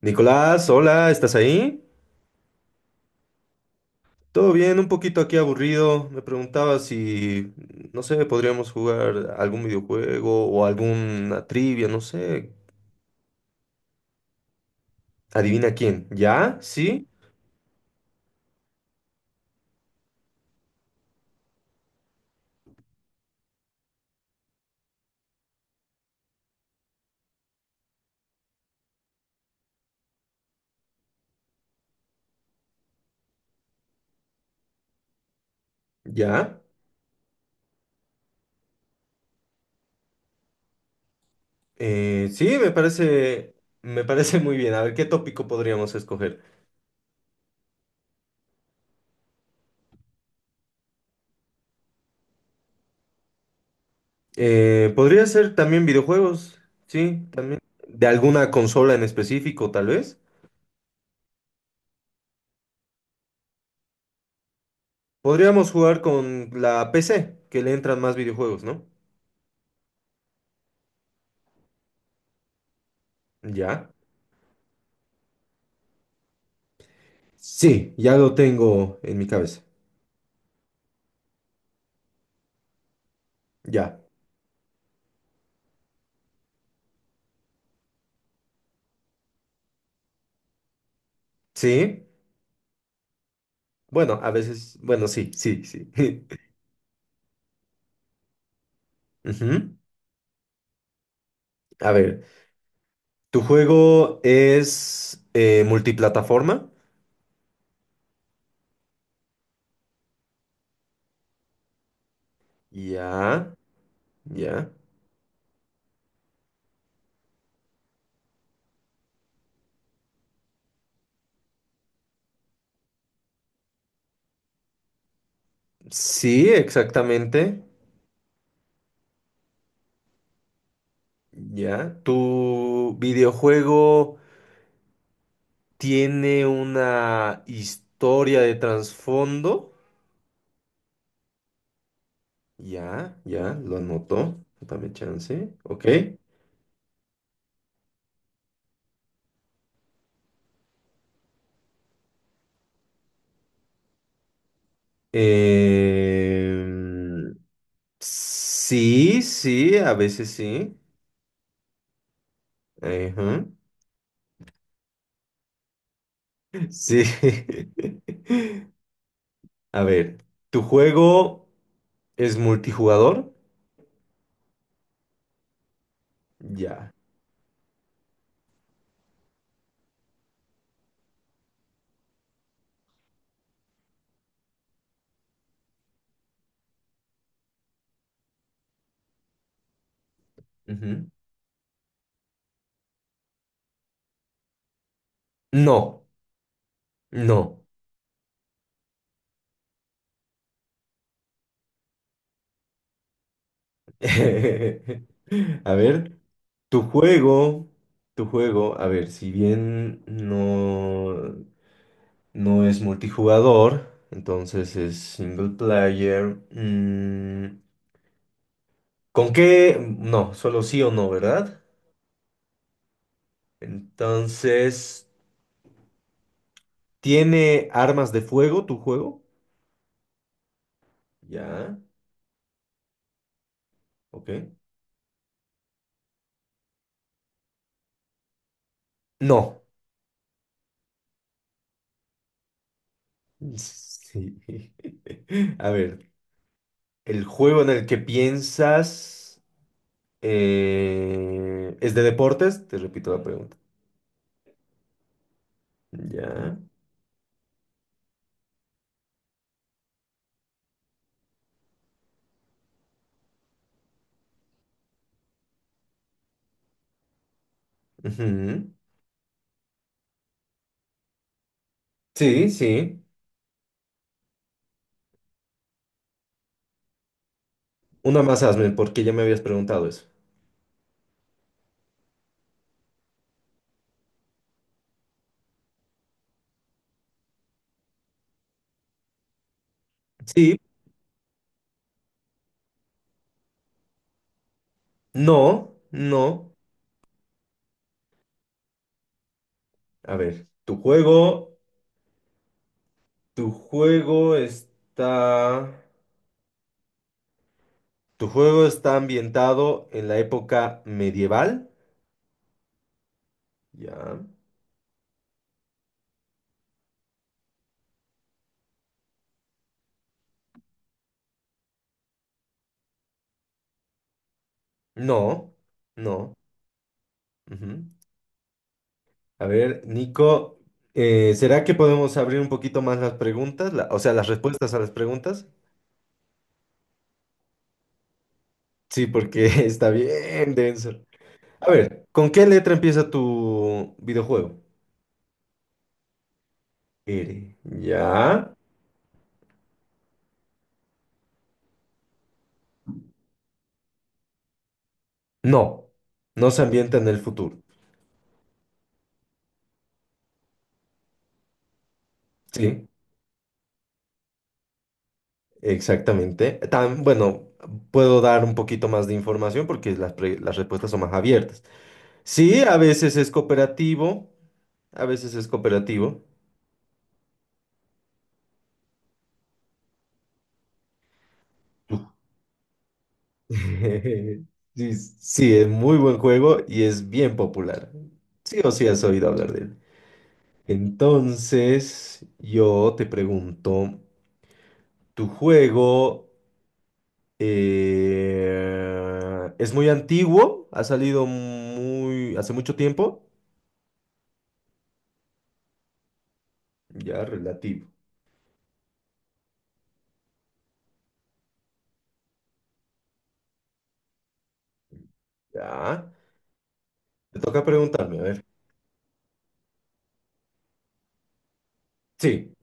Nicolás, hola, ¿estás ahí? Todo bien, un poquito aquí aburrido. Me preguntaba si, no sé, podríamos jugar algún videojuego o alguna trivia, no sé. Adivina quién. ¿Ya? ¿Sí? ¿Ya? Sí, me parece muy bien. A ver, ¿qué tópico podríamos escoger? Podría ser también videojuegos, sí, también. De alguna consola en específico, tal vez. Podríamos jugar con la PC, que le entran más videojuegos, ¿no? ¿Ya? Sí, ya lo tengo en mi cabeza. Ya. ¿Sí? Bueno, a veces, bueno, sí, sí, sí. Ujú. A ver, ¿tu juego es multiplataforma? Ya, ya. Sí, exactamente. Ya. ¿Tu videojuego tiene una historia de trasfondo? Ya, ya, lo anotó. Dame chance. Ok. Eh, Sí, sí, a veces sí. Ajá. Sí. A ver, ¿tu juego es multijugador? Ya. Ujú. No, no. A ver, tu juego, a ver, si bien no, no es multijugador, entonces es single player. ¿Con qué? No, solo sí o no, ¿verdad? Entonces, ¿tiene armas de fuego tu juego? Ya, ok. No. Sí. A ver, el juego en el que piensas es de deportes. Te repito la pregunta. Ya. Ujú. Sí, sí. Una más hazme, porque ya me habías preguntado eso. Sí, no, no. A ver, tu juego está, tu juego está ambientado en la época medieval. Ya. No, no. Ujú. A ver, Nico, ¿será que podemos abrir un poquito más las preguntas? La- o sea, las respuestas a las preguntas. Sí, porque está bien denso. A ver, ¿con qué letra empieza tu videojuego? R. Ya. No, no se ambienta en el futuro. Sí, exactamente. Tan, bueno, puedo dar un poquito más de información porque las, pre- las respuestas son más abiertas. Sí, a veces es cooperativo. A veces es cooperativo. Sí, sí, es muy buen juego y es bien popular. Sí o sí has oído hablar de él. Entonces, yo te pregunto, ¿tu juego es muy antiguo? ¿Ha salido muy hace mucho tiempo? Ya, relativo. Ya. Te toca preguntarme, a ver. Sí,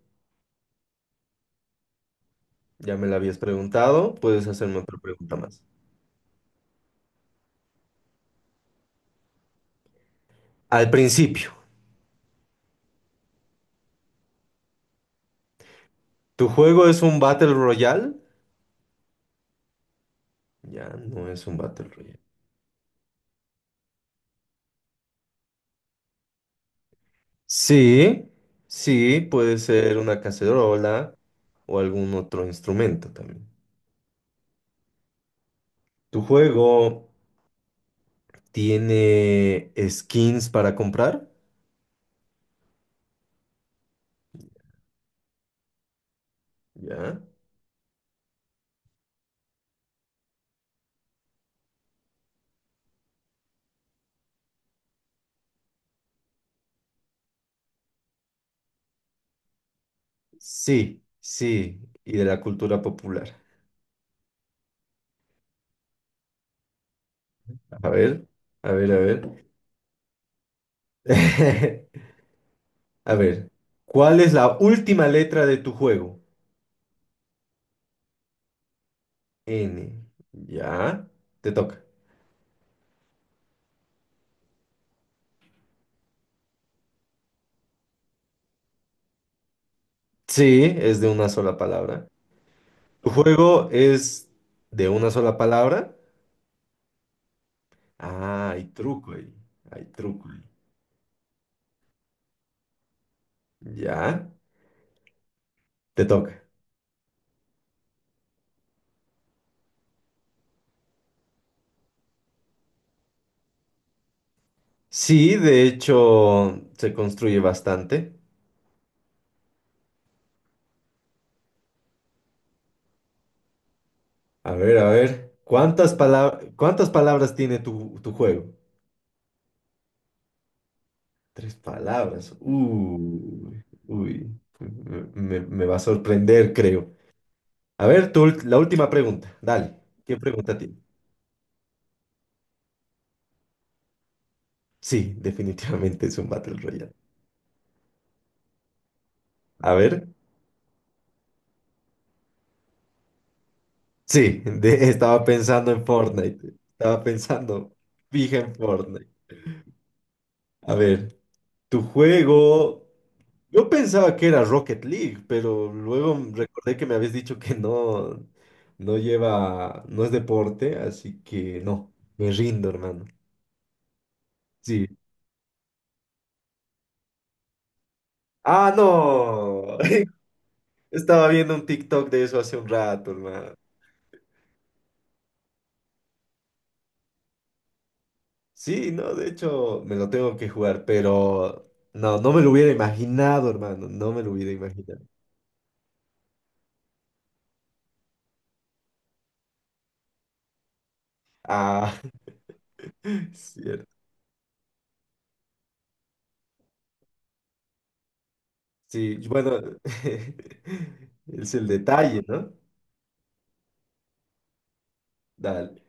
ya me la habías preguntado. Puedes hacerme otra pregunta más. Al principio, ¿tu juego es un Battle Royale? Ya no es un Battle Royale. Sí, sí, puede ser una cacerola o algún otro instrumento también. ¿Tu juego tiene skins para comprar? Ya. Sí, sí, y de la cultura popular. A ver, a ver, a ver. A ver, ¿cuál es la última letra de tu juego? N. Ya, te toca. Sí, es de una sola palabra. ¿Tu juego es de una sola palabra? Ah, hay truco ahí. Hay truco ahí. Ya, te toca. Sí, de hecho, se construye bastante. A ver, a ver. Cuántas palabras tiene tu juego? Tres palabras. Uy, uy. Me va a sorprender, creo. A ver, la última pregunta. Dale. ¿Qué pregunta tiene? Sí, definitivamente es un Battle Royale. A ver. Sí, estaba pensando en Fortnite. Estaba pensando, fija en Fortnite. A ver, tu juego. Yo pensaba que era Rocket League, pero luego recordé que me habías dicho que no, no lleva, no es deporte, así que no, me rindo, hermano. Sí. Ah, no. Estaba viendo un TikTok de eso hace un rato, hermano. Sí, no, de hecho, me lo tengo que jugar, pero no, no me lo hubiera imaginado, hermano. No me lo hubiera imaginado. Ah, cierto. Sí, bueno, es el detalle, ¿no? Dale.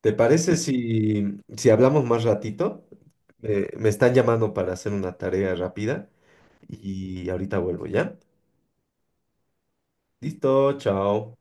¿Te parece si, si hablamos más ratito? Me están llamando para hacer una tarea rápida y ahorita vuelvo, ¿ya? Listo, chao.